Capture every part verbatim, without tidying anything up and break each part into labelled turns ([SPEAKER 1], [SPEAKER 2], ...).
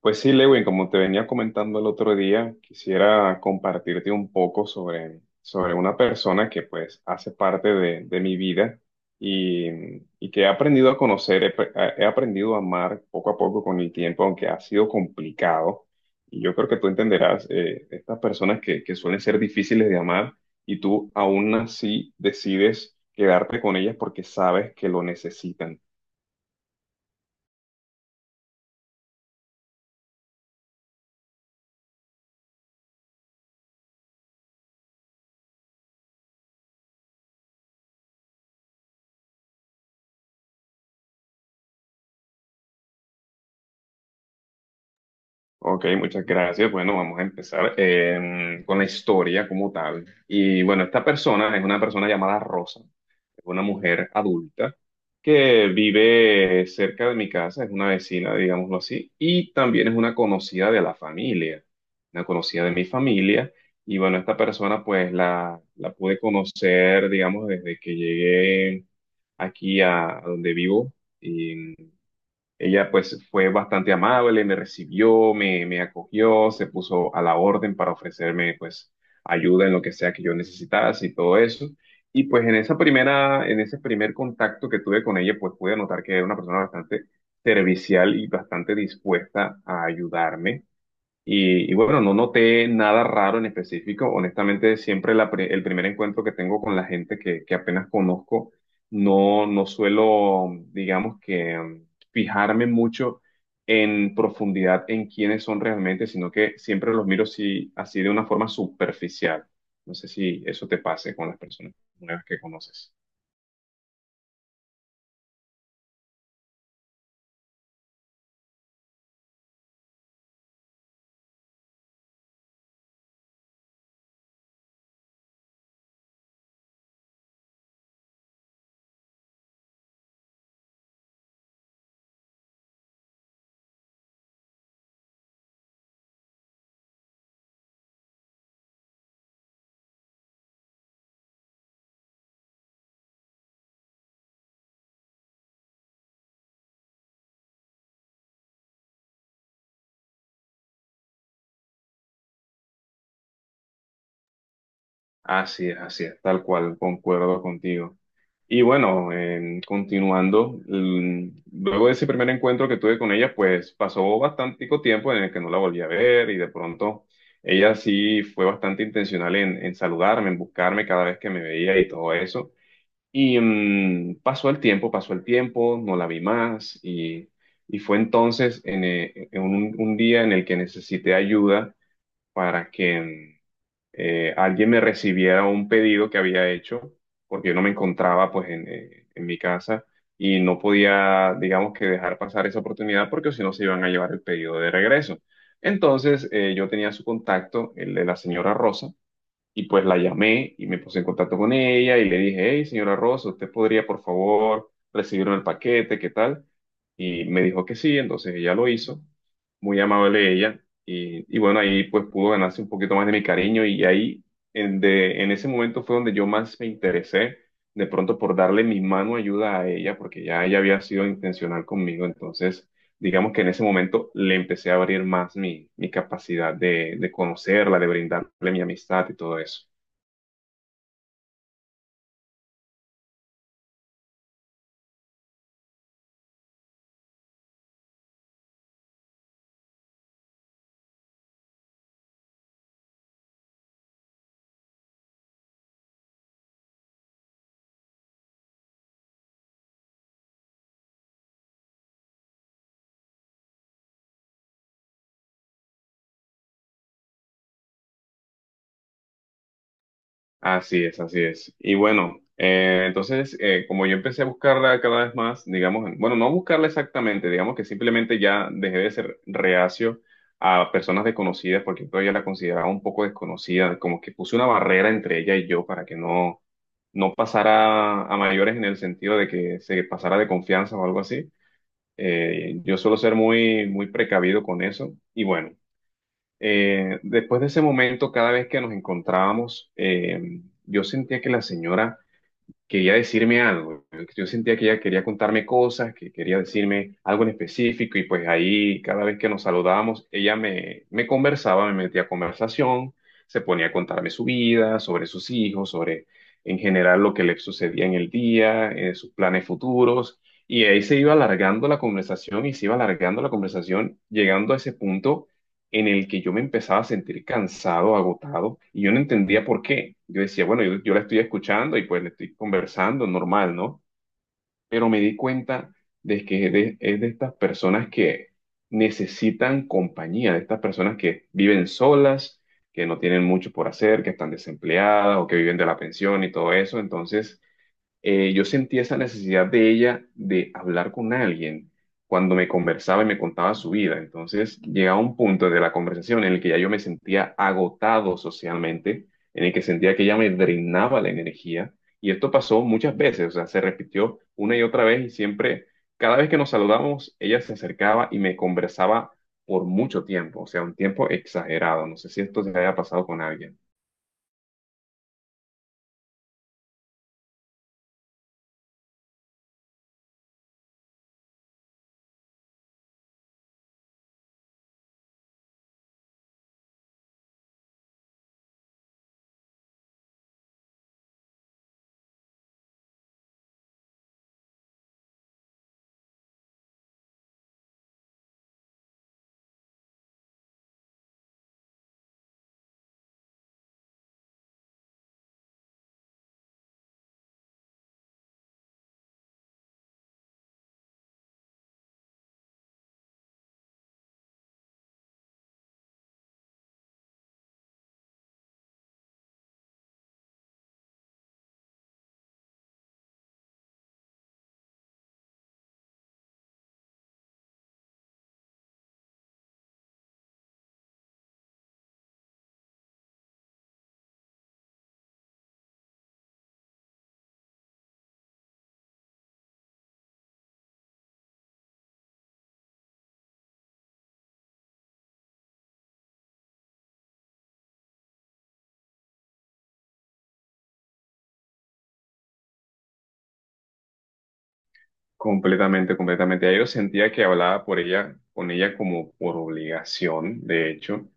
[SPEAKER 1] Pues sí, Lewin, como te venía comentando el otro día, quisiera compartirte un poco sobre, sobre una persona que pues hace parte de, de mi vida y, y que he aprendido a conocer, he, pre- he aprendido a amar poco a poco con el tiempo, aunque ha sido complicado. Y yo creo que tú entenderás eh, estas personas que, que suelen ser difíciles de amar y tú aún así decides quedarte con ellas porque sabes que lo necesitan. Ok, muchas gracias. Bueno, vamos a empezar em, con la historia como tal. Y bueno, esta persona es una persona llamada Rosa. Es una mujer adulta que vive cerca de mi casa, es una vecina, digámoslo así, y también es una conocida de la familia, una conocida de mi familia. Y bueno, esta persona pues la, la pude conocer, digamos, desde que llegué aquí a, a donde vivo. Ella pues fue bastante amable, me recibió, me, me acogió, se puso a la orden para ofrecerme pues ayuda en lo que sea que yo necesitase y todo eso. Y pues en esa primera, en ese primer contacto que tuve con ella, pues pude notar que era una persona bastante servicial y bastante dispuesta a ayudarme. Y, y bueno, no noté nada raro en específico. Honestamente, siempre la pri- el primer encuentro que tengo con la gente que, que apenas conozco, no, no suelo, digamos que, mm, fijarme mucho en profundidad en quiénes son realmente, sino que siempre los miro si- así de una forma superficial. No sé si eso te pase con las personas nuevas que conoces. Así es, así es, tal cual, concuerdo contigo. Y bueno, em, continuando, mm, luego de ese primer encuentro que tuve con ella, pues pasó bastante tiempo en el que no la volví a ver y de pronto ella sí fue bastante intencional en, en saludarme, en buscarme cada vez que me veía y todo eso. Y mm, pasó el tiempo, pasó el tiempo, no la vi más y, y fue entonces en, eh, en un, un día en el que necesité ayuda para que... mm, eh, alguien me recibiera un pedido que había hecho, porque yo no me encontraba pues en, eh, en mi casa y no podía, digamos que dejar pasar esa oportunidad porque si no se iban a llevar el pedido de regreso. Entonces eh, yo tenía su contacto, el de la señora Rosa, y pues la llamé y me puse en contacto con ella y le dije, hey, señora Rosa, ¿usted podría por favor recibirme el paquete? ¿Qué tal? Y me dijo que sí, entonces ella lo hizo, muy amable ella. Y, y bueno, ahí pues pudo ganarse un poquito más de mi cariño y ahí en, de, en ese momento fue donde yo más me interesé de pronto por darle mi mano ayuda a ella, porque ya ella había sido intencional conmigo, entonces digamos que en ese momento le empecé a abrir más mi, mi capacidad de, de conocerla, de brindarle mi amistad y todo eso. Así es, así es. Y bueno, eh, entonces, eh, como yo empecé a buscarla cada vez más, digamos, bueno, no buscarla exactamente, digamos que simplemente ya dejé de ser reacio a personas desconocidas porque todavía la consideraba un poco desconocida, como que puse una barrera entre ella y yo para que no, no pasara a mayores en el sentido de que se pasara de confianza o algo así. Eh, yo suelo ser muy, muy precavido con eso. Y bueno, eh, después de ese momento, cada vez que nos encontrábamos, eh, yo sentía que la señora quería decirme algo. Yo sentía que ella quería contarme cosas, que quería decirme algo en específico y pues ahí cada vez que nos saludábamos, ella me, me conversaba, me metía a conversación, se ponía a contarme su vida, sobre sus hijos, sobre en general lo que le sucedía en el día, eh, sus planes futuros. Y ahí se iba alargando la conversación y se iba alargando la conversación, llegando a ese punto en el que yo me empezaba a sentir cansado, agotado, y yo no entendía por qué. Yo decía, bueno, yo, yo la estoy escuchando y pues le estoy conversando, normal, ¿no? Pero me di cuenta de que es de, es de estas personas que necesitan compañía, de estas personas que viven solas, que no tienen mucho por hacer, que están desempleadas o que viven de la pensión y todo eso. Entonces, eh, yo sentí esa necesidad de ella de hablar con alguien cuando me conversaba y me contaba su vida. Entonces llegaba un punto de la conversación en el que ya yo me sentía agotado socialmente, en el que sentía que ella me drenaba la energía. Y esto pasó muchas veces, o sea, se repitió una y otra vez y siempre, cada vez que nos saludamos, ella se acercaba y me conversaba por mucho tiempo, o sea, un tiempo exagerado. No sé si esto se haya pasado con alguien. Completamente, completamente. Ya yo sentía que hablaba por ella, con ella como por obligación, de hecho.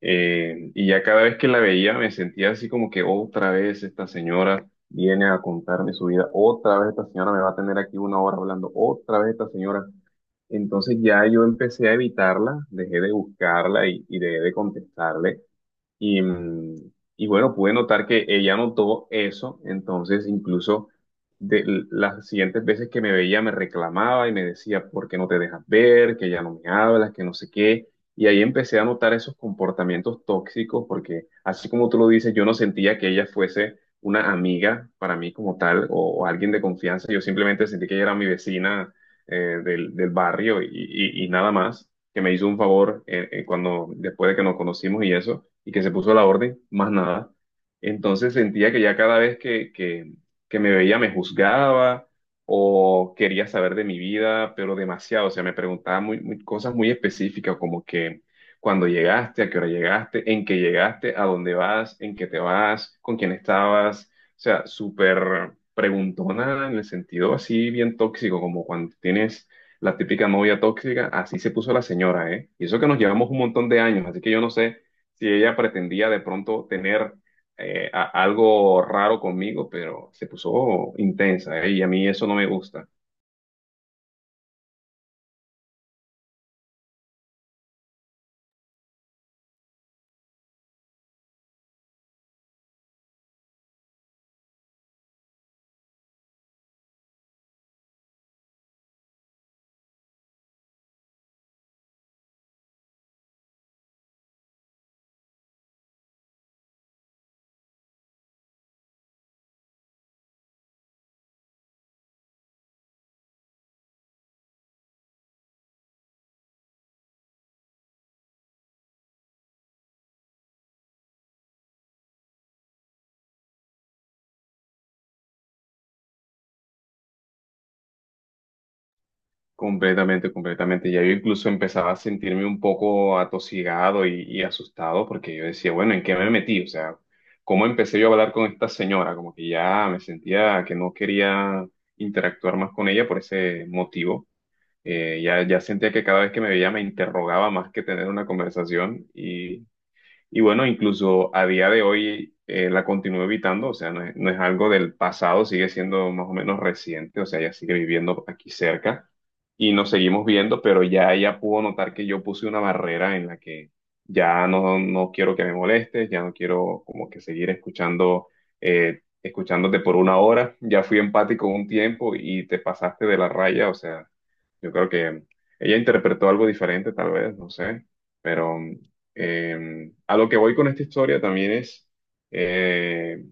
[SPEAKER 1] Eh, y ya cada vez que la veía me sentía así como que otra vez esta señora viene a contarme su vida, otra vez esta señora me va a tener aquí una hora hablando, otra vez esta señora. Entonces ya yo empecé a evitarla, dejé de buscarla y, y dejé de contestarle. Y, mm, y bueno, pude notar que ella notó eso, entonces incluso de l- las siguientes veces que me veía me reclamaba y me decía, ¿por qué no te dejas ver? Que ya no me hablas, que no sé qué. Y ahí empecé a notar esos comportamientos tóxicos, porque así como tú lo dices, yo no sentía que ella fuese una amiga para mí como tal o, o alguien de confianza. Yo simplemente sentí que ella era mi vecina eh, del, del barrio y, y- y nada más, que me hizo un favor eh, eh, cuando después de que nos conocimos y eso y que se puso a la orden, más nada. Entonces sentía que ya cada vez que, que, que me veía me juzgaba o quería saber de mi vida, pero demasiado. O sea, me preguntaba muy, muy- cosas muy específicas como que cuando llegaste, a qué hora llegaste, en qué llegaste, a dónde vas, en qué te vas, con quién estabas. O sea, súper preguntona en el sentido así bien tóxico, como cuando tienes la típica novia tóxica, así se puso la señora, ¿eh? Y eso que nos llevamos un montón de años, así que yo no sé si ella pretendía de pronto tener eh, a- algo raro conmigo, pero se puso intensa, ¿eh? Y a mí eso no me gusta. Completamente, completamente. Ya yo incluso empezaba a sentirme un poco atosigado y, y asustado porque yo decía, bueno, ¿en qué me metí? O sea, ¿cómo empecé yo a hablar con esta señora? Como que ya me sentía que no quería interactuar más con ella por ese motivo. Eh, ya, ya sentía que cada vez que me veía me interrogaba más que tener una conversación y Y bueno, incluso a día de hoy eh, la continúo evitando, o sea, no es, no es algo del pasado, sigue siendo más o menos reciente, o sea, ella sigue viviendo aquí cerca y nos seguimos viendo, pero ya ella pudo notar que yo puse una barrera en la que ya no, no quiero que me molestes, ya no quiero como que seguir escuchando, eh, escuchándote por una hora, ya fui empático un tiempo y te pasaste de la raya, o sea, yo creo que ella interpretó algo diferente tal vez, no sé, pero... Eh, a lo que voy con esta historia también es, eh,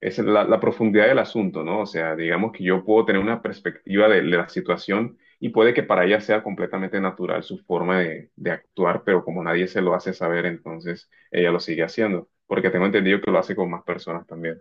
[SPEAKER 1] es la, la profundidad del asunto, ¿no? O sea, digamos que yo puedo tener una perspectiva de, de la situación y puede que para ella sea completamente natural su forma de, de actuar, pero como nadie se lo hace saber, entonces ella lo sigue haciendo, porque tengo entendido que lo hace con más personas también.